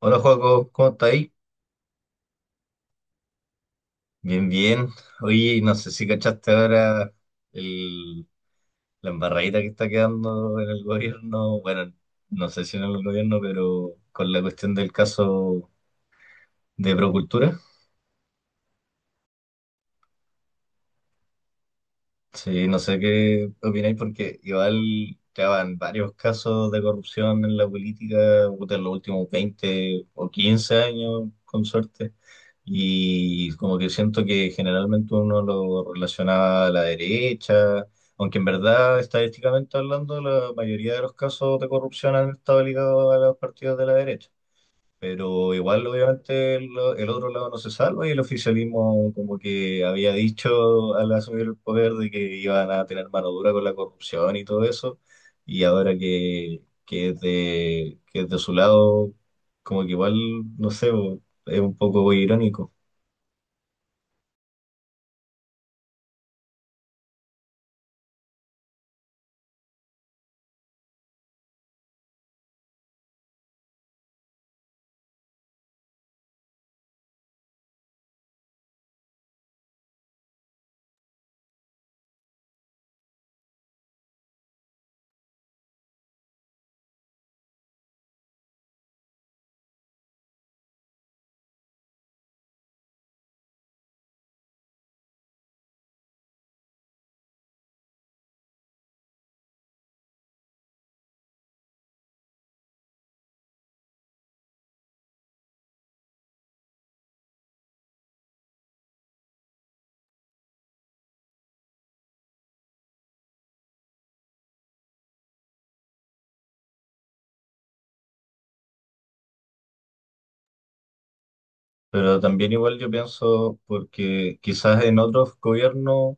Hola, Joaco, ¿cómo estás ahí? Bien, bien. Oye, no sé si cachaste ahora el- la embarradita que está quedando en el gobierno. Bueno, no sé si en el gobierno, pero con la cuestión del caso de Procultura. Sí, no sé qué opináis porque igual ya van varios casos de corrupción en la política puta, en los últimos 20 o 15 años, con suerte. Y como que siento que generalmente uno lo relacionaba a la derecha, aunque en verdad, estadísticamente hablando, la mayoría de los casos de corrupción han estado ligados a los partidos de la derecha. Pero igual, obviamente, el otro lado no se salva y el oficialismo como que había dicho al asumir el poder de que iban a tener mano dura con la corrupción y todo eso. Y ahora que es de su lado, como que igual, no sé, bo, es un poco irónico. Pero también igual yo pienso, porque quizás en otros gobiernos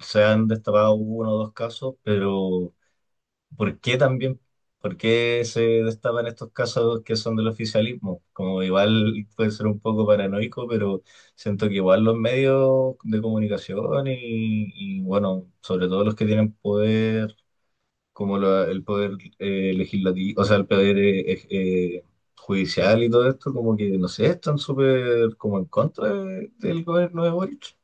se han destapado uno o dos casos, pero ¿por qué también? ¿Por qué se destapan estos casos que son del oficialismo? Como igual puede ser un poco paranoico, pero siento que igual los medios de comunicación y, bueno, sobre todo los que tienen poder, como el poder legislativo, o sea, el poder judicial y todo esto, como que, no sé, están súper como en contra del gobierno de Boric.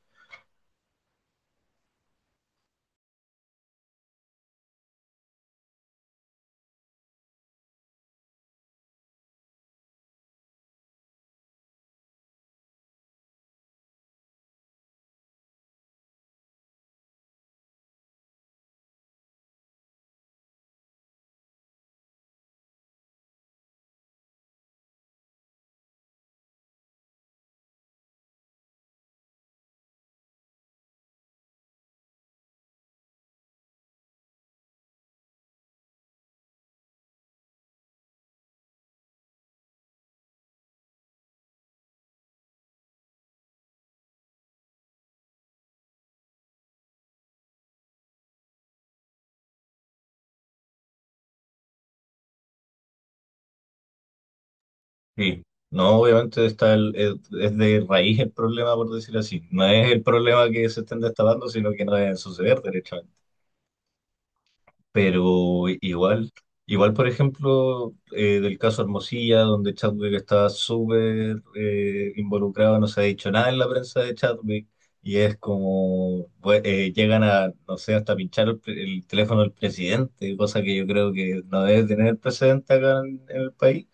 Sí, no, obviamente está es de raíz el problema, por decir así. No es el problema que se estén destapando, sino que no deben suceder derechamente. Pero igual, igual por ejemplo, del caso Hermosilla, donde Chadwick está súper involucrado, no se ha dicho nada en la prensa de Chadwick, y es como, pues, llegan a, no sé, hasta pinchar el teléfono del presidente, cosa que yo creo que no debe tener precedente acá en el país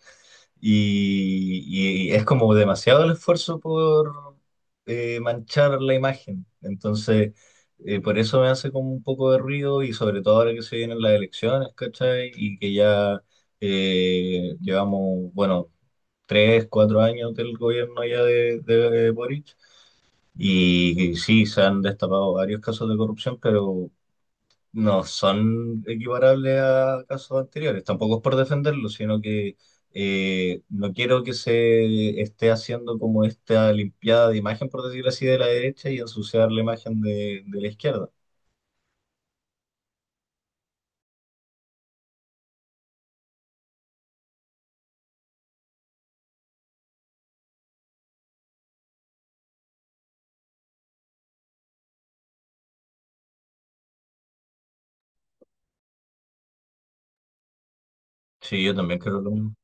y es como demasiado el esfuerzo por manchar la imagen. Entonces, por eso me hace como un poco de ruido y sobre todo ahora que se vienen las elecciones, ¿cachai? Y que ya llevamos, bueno, 3, 4 años del gobierno ya de Boric. Y, sí, se han destapado varios casos de corrupción, pero no son equiparables a casos anteriores. Tampoco es por defenderlo, sino que no quiero que se esté haciendo como esta limpiada de imagen, por decirlo así, de la derecha y ensuciar la imagen de la izquierda. Sí, yo también creo lo mismo,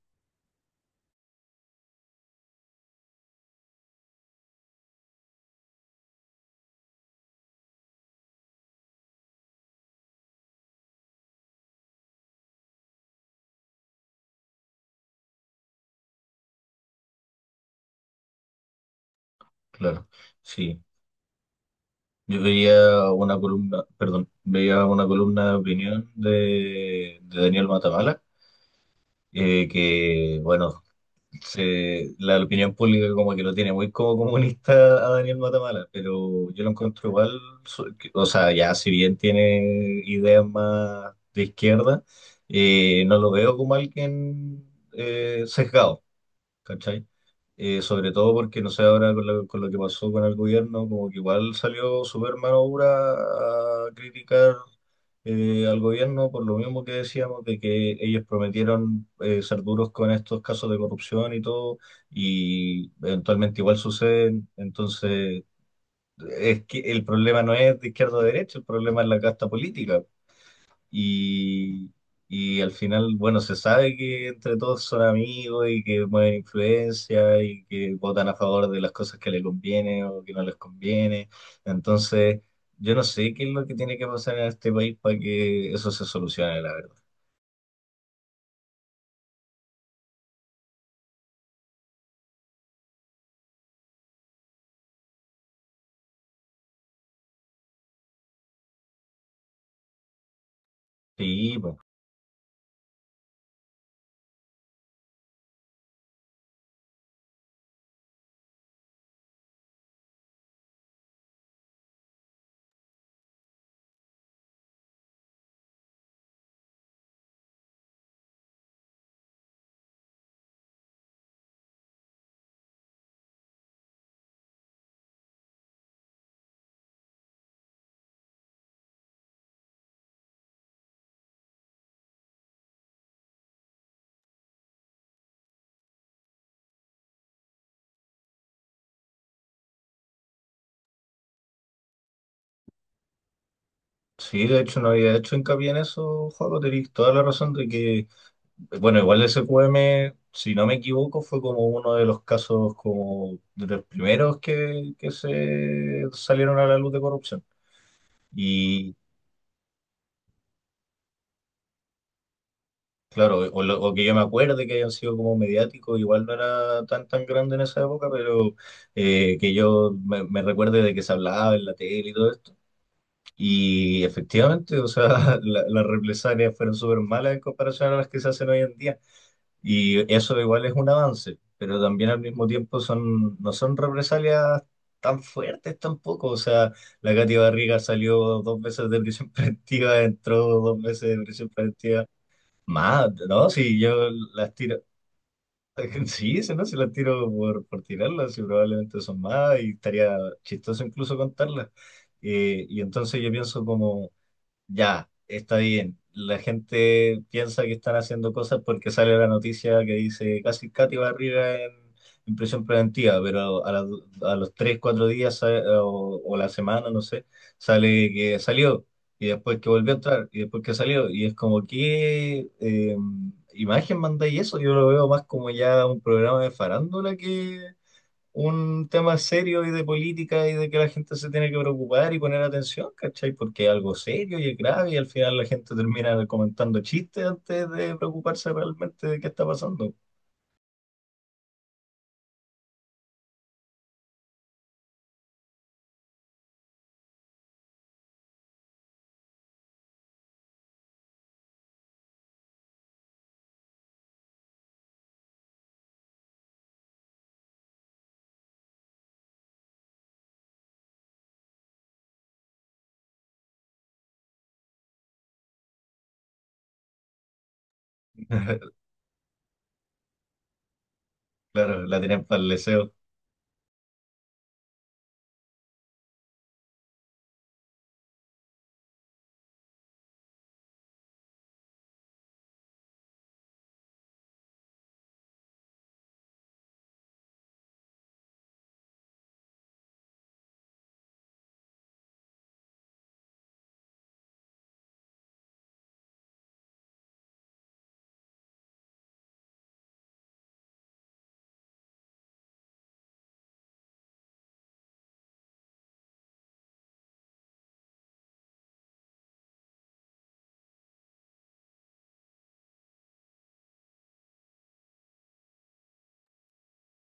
claro. Sí, yo veía una columna, perdón, veía una columna de opinión de Daniel Matamala, que, bueno, la opinión pública como que lo tiene muy como comunista a Daniel Matamala, pero yo lo encuentro igual, o sea, ya si bien tiene ideas más de izquierda, no lo veo como alguien sesgado. ¿Cachai? Sobre todo porque, no sé, ahora con lo que pasó con el gobierno, como que igual salió súper mano dura a criticar al gobierno por lo mismo que decíamos, de que ellos prometieron ser duros con estos casos de corrupción y todo, y eventualmente igual suceden. Entonces, es que el problema no es de izquierda o de derecha, el problema es la casta política, y, y al final, bueno, se sabe que entre todos son amigos y que mueven influencia y que votan a favor de las cosas que les conviene o que no les conviene. Entonces, yo no sé qué es lo que tiene que pasar en este país para que eso se solucione, la verdad. Sí, pues. Sí, de hecho no había hecho hincapié en eso, Juego, tenéis toda la razón de que, bueno, igual el SQM si no me equivoco, fue como uno de los casos como de los primeros que se salieron a la luz de corrupción. Y claro, o que yo me acuerde que hayan sido como mediáticos, igual no era tan tan grande en esa época, pero que yo me recuerde de que se hablaba en la tele y todo esto. Y efectivamente, o sea, las represalias fueron súper malas en comparación a las que se hacen hoy en día. Y eso igual es un avance, pero también al mismo tiempo no son represalias tan fuertes tampoco. O sea, la Katy Barriga salió dos veces de prisión preventiva, entró dos veces de prisión preventiva. Más, ¿no? Si yo las tiro. Sí, si no, si las tiro por tirarlas, y probablemente son más, y estaría chistoso incluso contarlas. Y entonces yo pienso como ya, está bien. La gente piensa que están haciendo cosas porque sale la noticia que dice casi Katy Barriga en prisión preventiva, pero a los 3, 4 días o la semana, no sé, sale que salió y después que volvió a entrar y después que salió. Y es como, ¿qué imagen mandáis eso? Yo lo veo más como ya un programa de farándula un tema serio y de política y de que la gente se tiene que preocupar y poner atención, ¿cachai? Porque es algo serio y es grave y al final la gente termina comentando chistes antes de preocuparse realmente de qué está pasando. Claro, la tienen para el deseo.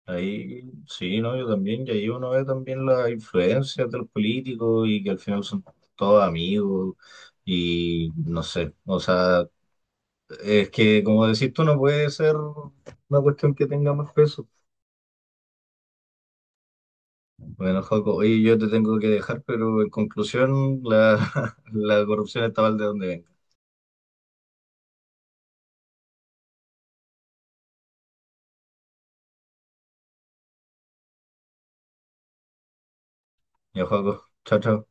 Ahí sí, ¿no? Yo también, y ahí uno ve también las influencias de los políticos y que al final son todos amigos y no sé, o sea, es que como decís tú, no puede ser una cuestión que tenga más peso. Bueno, Joaco, oye, yo te tengo que dejar, pero en conclusión, la, la corrupción está mal de donde venga. Ya, Joaco, chao, chao.